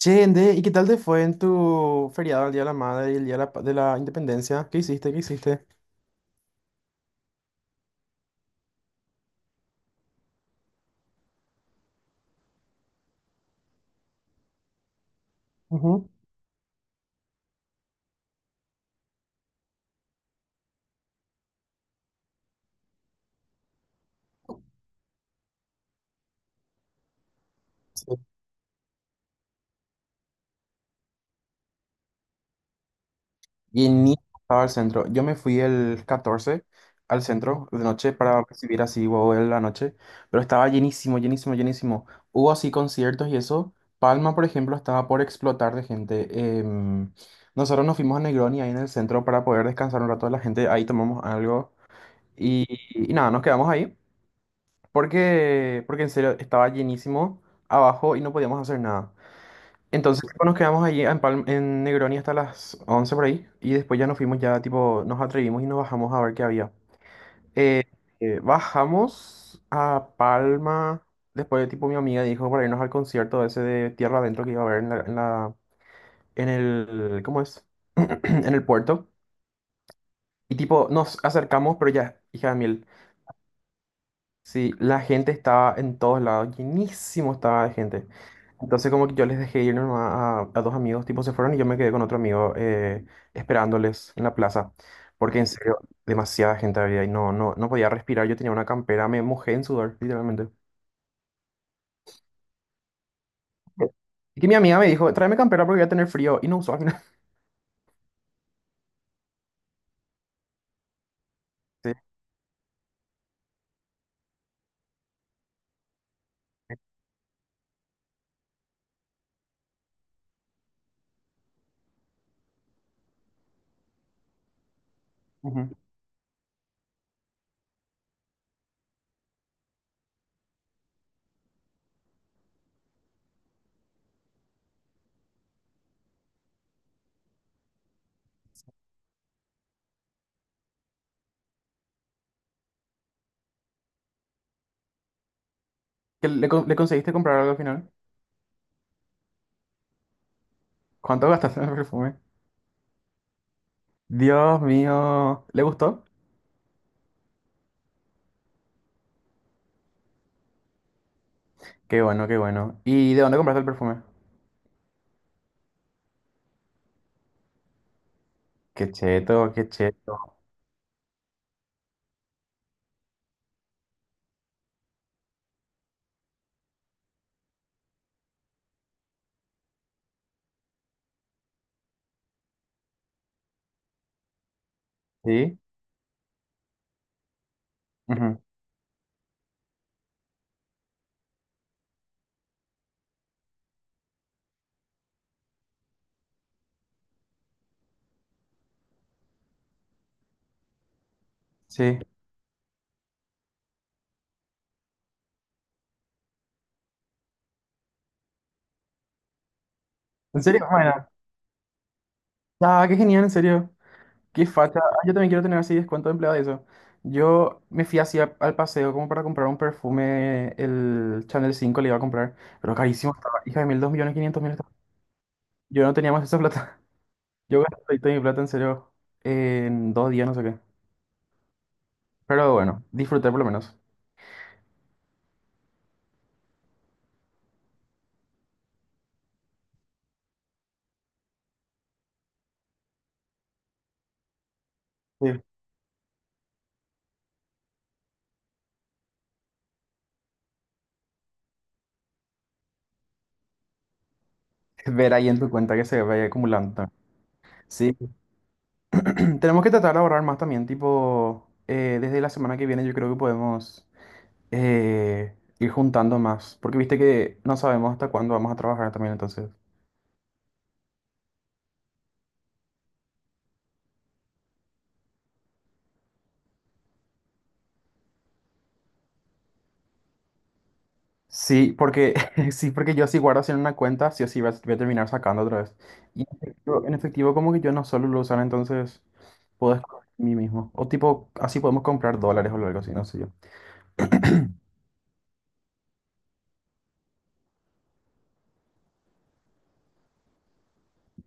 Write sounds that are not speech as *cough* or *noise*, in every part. Che, Ende, ¿y qué tal te fue en tu feriado el Día de la Madre y el Día de la Independencia? ¿Qué hiciste? ¿Qué hiciste? Ujú. Sí. Y ni estaba al centro. Yo me fui el 14 al centro de noche para recibir así huevo en la noche, pero estaba llenísimo, llenísimo, llenísimo. Hubo así conciertos y eso. Palma, por ejemplo, estaba por explotar de gente. Em, Nosotros nos fuimos a Negroni ahí en el centro para poder descansar un rato de la gente. Ahí tomamos algo y, y nada, nos quedamos ahí. Porque en serio estaba llenísimo abajo y no podíamos hacer nada. Entonces tipo, nos quedamos allí en Negroni hasta las 11 por ahí, y después ya nos fuimos, ya tipo nos atrevimos y nos bajamos a ver qué había. Eh, Bajamos a Palma, después tipo mi amiga dijo para irnos al concierto ese de Tierra Adentro que iba a haber en el, ¿cómo es? *clears throat* En el puerto. Y tipo nos acercamos, pero ya, hija de miel. Sí, la gente estaba en todos lados, llenísimo estaba de gente. Entonces como que yo les dejé ir nomás a dos amigos, tipo se fueron y yo me quedé con otro amigo, esperándoles en la plaza, porque en serio, demasiada gente había y no podía respirar, yo tenía una campera, me mojé en sudor, literalmente. Y que mi amiga me dijo, tráeme campera porque voy a tener frío y no usó al final. *laughs* Sí. Ujú. ¿Que le conseguiste comprar algo al final? ¿Cuánto gastaste en el perfume? Dios mío, ¿le gustó? Qué bueno, qué bueno. ¿Y de dónde compraste el perfume? Qué cheto, qué cheto. Sí. Ujú. Sí. ¿En serio? Bueno, ah, qué genial, en serio. Qué facha. Ah, yo también quiero tener así descuento de empleado de eso. Yo me fui así al paseo como para comprar un perfume, el Chanel 5 le iba a comprar, pero carísimo estaba. Hija de mil, 2.500.000 estaba. Yo no tenía más esa plata. *laughs* Yo gasté toda mi plata, en serio, en 2 días, no sé qué. Pero bueno, disfruté por lo menos. Sí. *laughs* Ver ahí en tu cuenta que se vaya acumulando. Sí. *clears throat* Tenemos que tratar de ahorrar más también, tipo, desde la semana que viene yo creo que podemos, ir juntando más, porque viste que no sabemos hasta cuándo vamos a trabajar también, entonces. Sí, porque *laughs* sí, porque yo si guardo así en una cuenta, sí o sí voy a, terminar sacando otra vez. Y en efectivo como que yo no suelo lo usar, entonces puedo escoger mí mismo. O tipo, así podemos comprar dólares o algo así, no sé yo.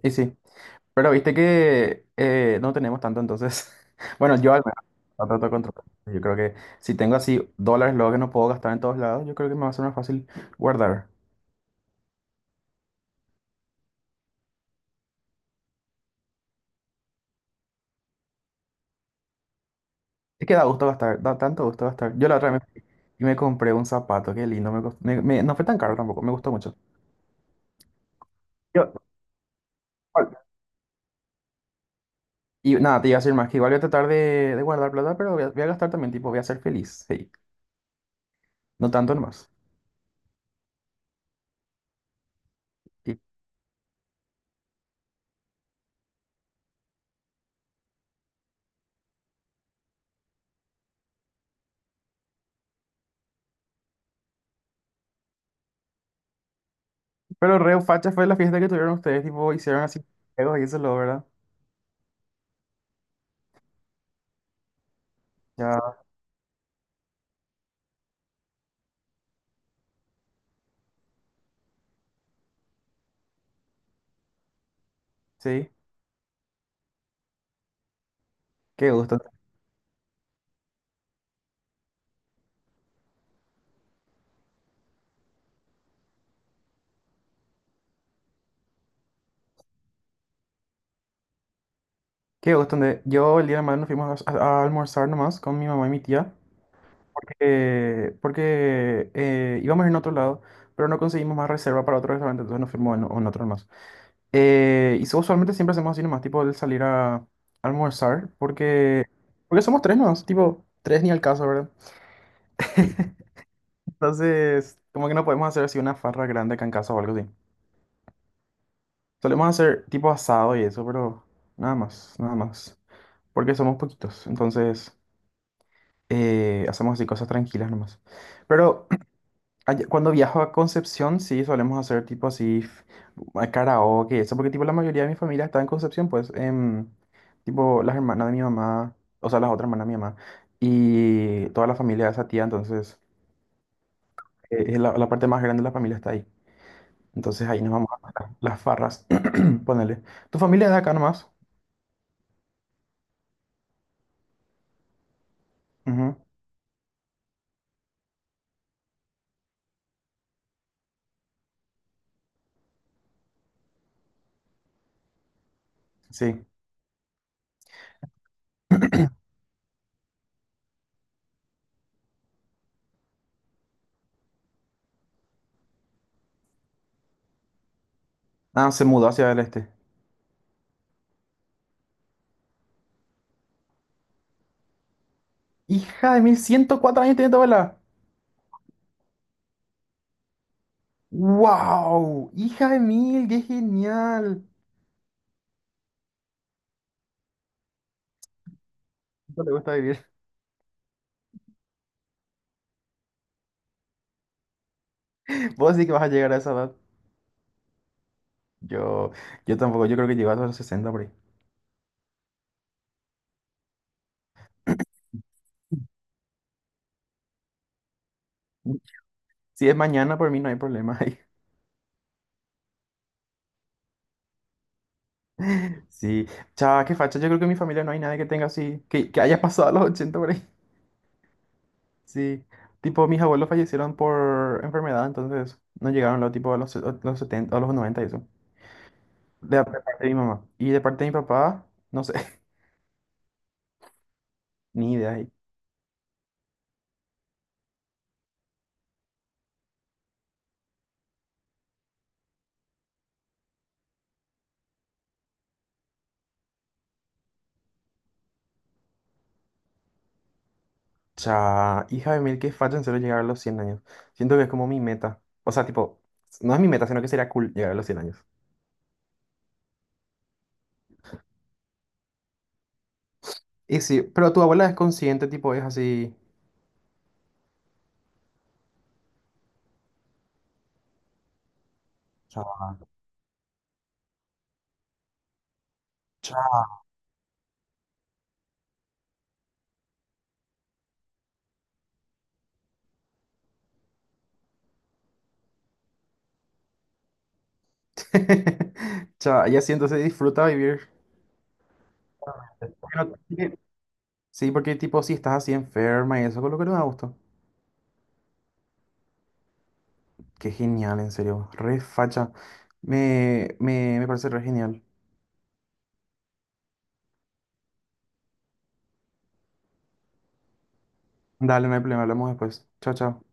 Y sí, pero viste que no tenemos tanto, entonces. *laughs* Bueno, yo al menos no trato de controlar. Yo creo que si tengo así dólares, luego que no puedo gastar en todos lados, yo creo que me va a ser más fácil guardar. Es que da gusto gastar, da tanto gusto gastar. Yo la otra vez me compré un zapato, qué lindo, me, cost- me- me- no fue tan caro tampoco, me gustó mucho. Yo, igual- y nada, te iba a decir más, que igual voy a tratar de guardar plata, pero voy a gastar también, tipo, voy a ser feliz, sí, no tanto nomás. Y- pero re facha fue la fiesta que tuvieron ustedes, tipo, hicieron así juegos y eso, lo, ¿verdad? Ya, sí, qué gusto. Qué gusto. Ande. Yo el día de mañana nos fuimos a almorzar nomás con mi mamá y mi tía, porque íbamos a ir a otro lado, pero no conseguimos más reserva para otro restaurante, entonces nos fuimos en otro nomás. Usualmente siempre hacemos así nomás, tipo el salir a almorzar, porque somos tres nomás, tipo tres ni al caso, ¿verdad? Entonces, como que no podemos hacer así una farra grande acá en casa o algo así. Solemos hacer tipo asado y eso, pero nada más, nada más, porque somos poquitos, entonces... hacemos así cosas tranquilas nomás. Pero *clears throat* cuando viajo a Concepción, sí solemos hacer tipo así karaoke, eso, porque tipo la mayoría de mi familia está en Concepción, pues, tipo las hermanas de mi mamá, o sea, las otras hermanas de mi mamá, y toda la familia de esa tía, entonces, es la parte más grande de la familia está ahí. Entonces ahí nos vamos a las farras, *clears throat* ponele. ¿Tu familia es de acá nomás? Ujú. Sí. Ah, se mudó hacia el este. Hija de mil, 104 años tiene tu abuela. ¡Wow! ¡Hija de mil! ¡Qué genial! No le gusta vivir. *laughs* Vos sí que vas a llegar a esa edad. Yo, yo tampoco, yo creo que llego a los 60, por ahí. Si es mañana, por mí no hay problema. *laughs* Sí. Chava, qué facha. Yo creo que en mi familia no hay nadie que tenga así, que haya pasado a los 80, por ahí. Sí. Tipo, mis abuelos fallecieron por enfermedad, entonces no llegaron lo, tipo, a los, se- a los 70, a los 90 y eso. De parte de mi mamá. Y de parte de mi papá, no sé, *laughs* ni idea. O sea, hija de mil, que facha en serio llegar a los 100 años. Siento que es como mi meta. O sea, tipo, no es mi meta, sino que sería cool llegar a los 100 años. Y sí, pero tu abuela es consciente, tipo, es así. Cha, cha. *laughs* Cha, ella sí, entonces disfruta vivir. Bueno, sí, porque tipo, si estás así enferma y eso, con lo que no da gusto. Qué genial, en serio. Re facha. Me parece re genial. Dale, no hay problema, hablamos después. Chao, chao.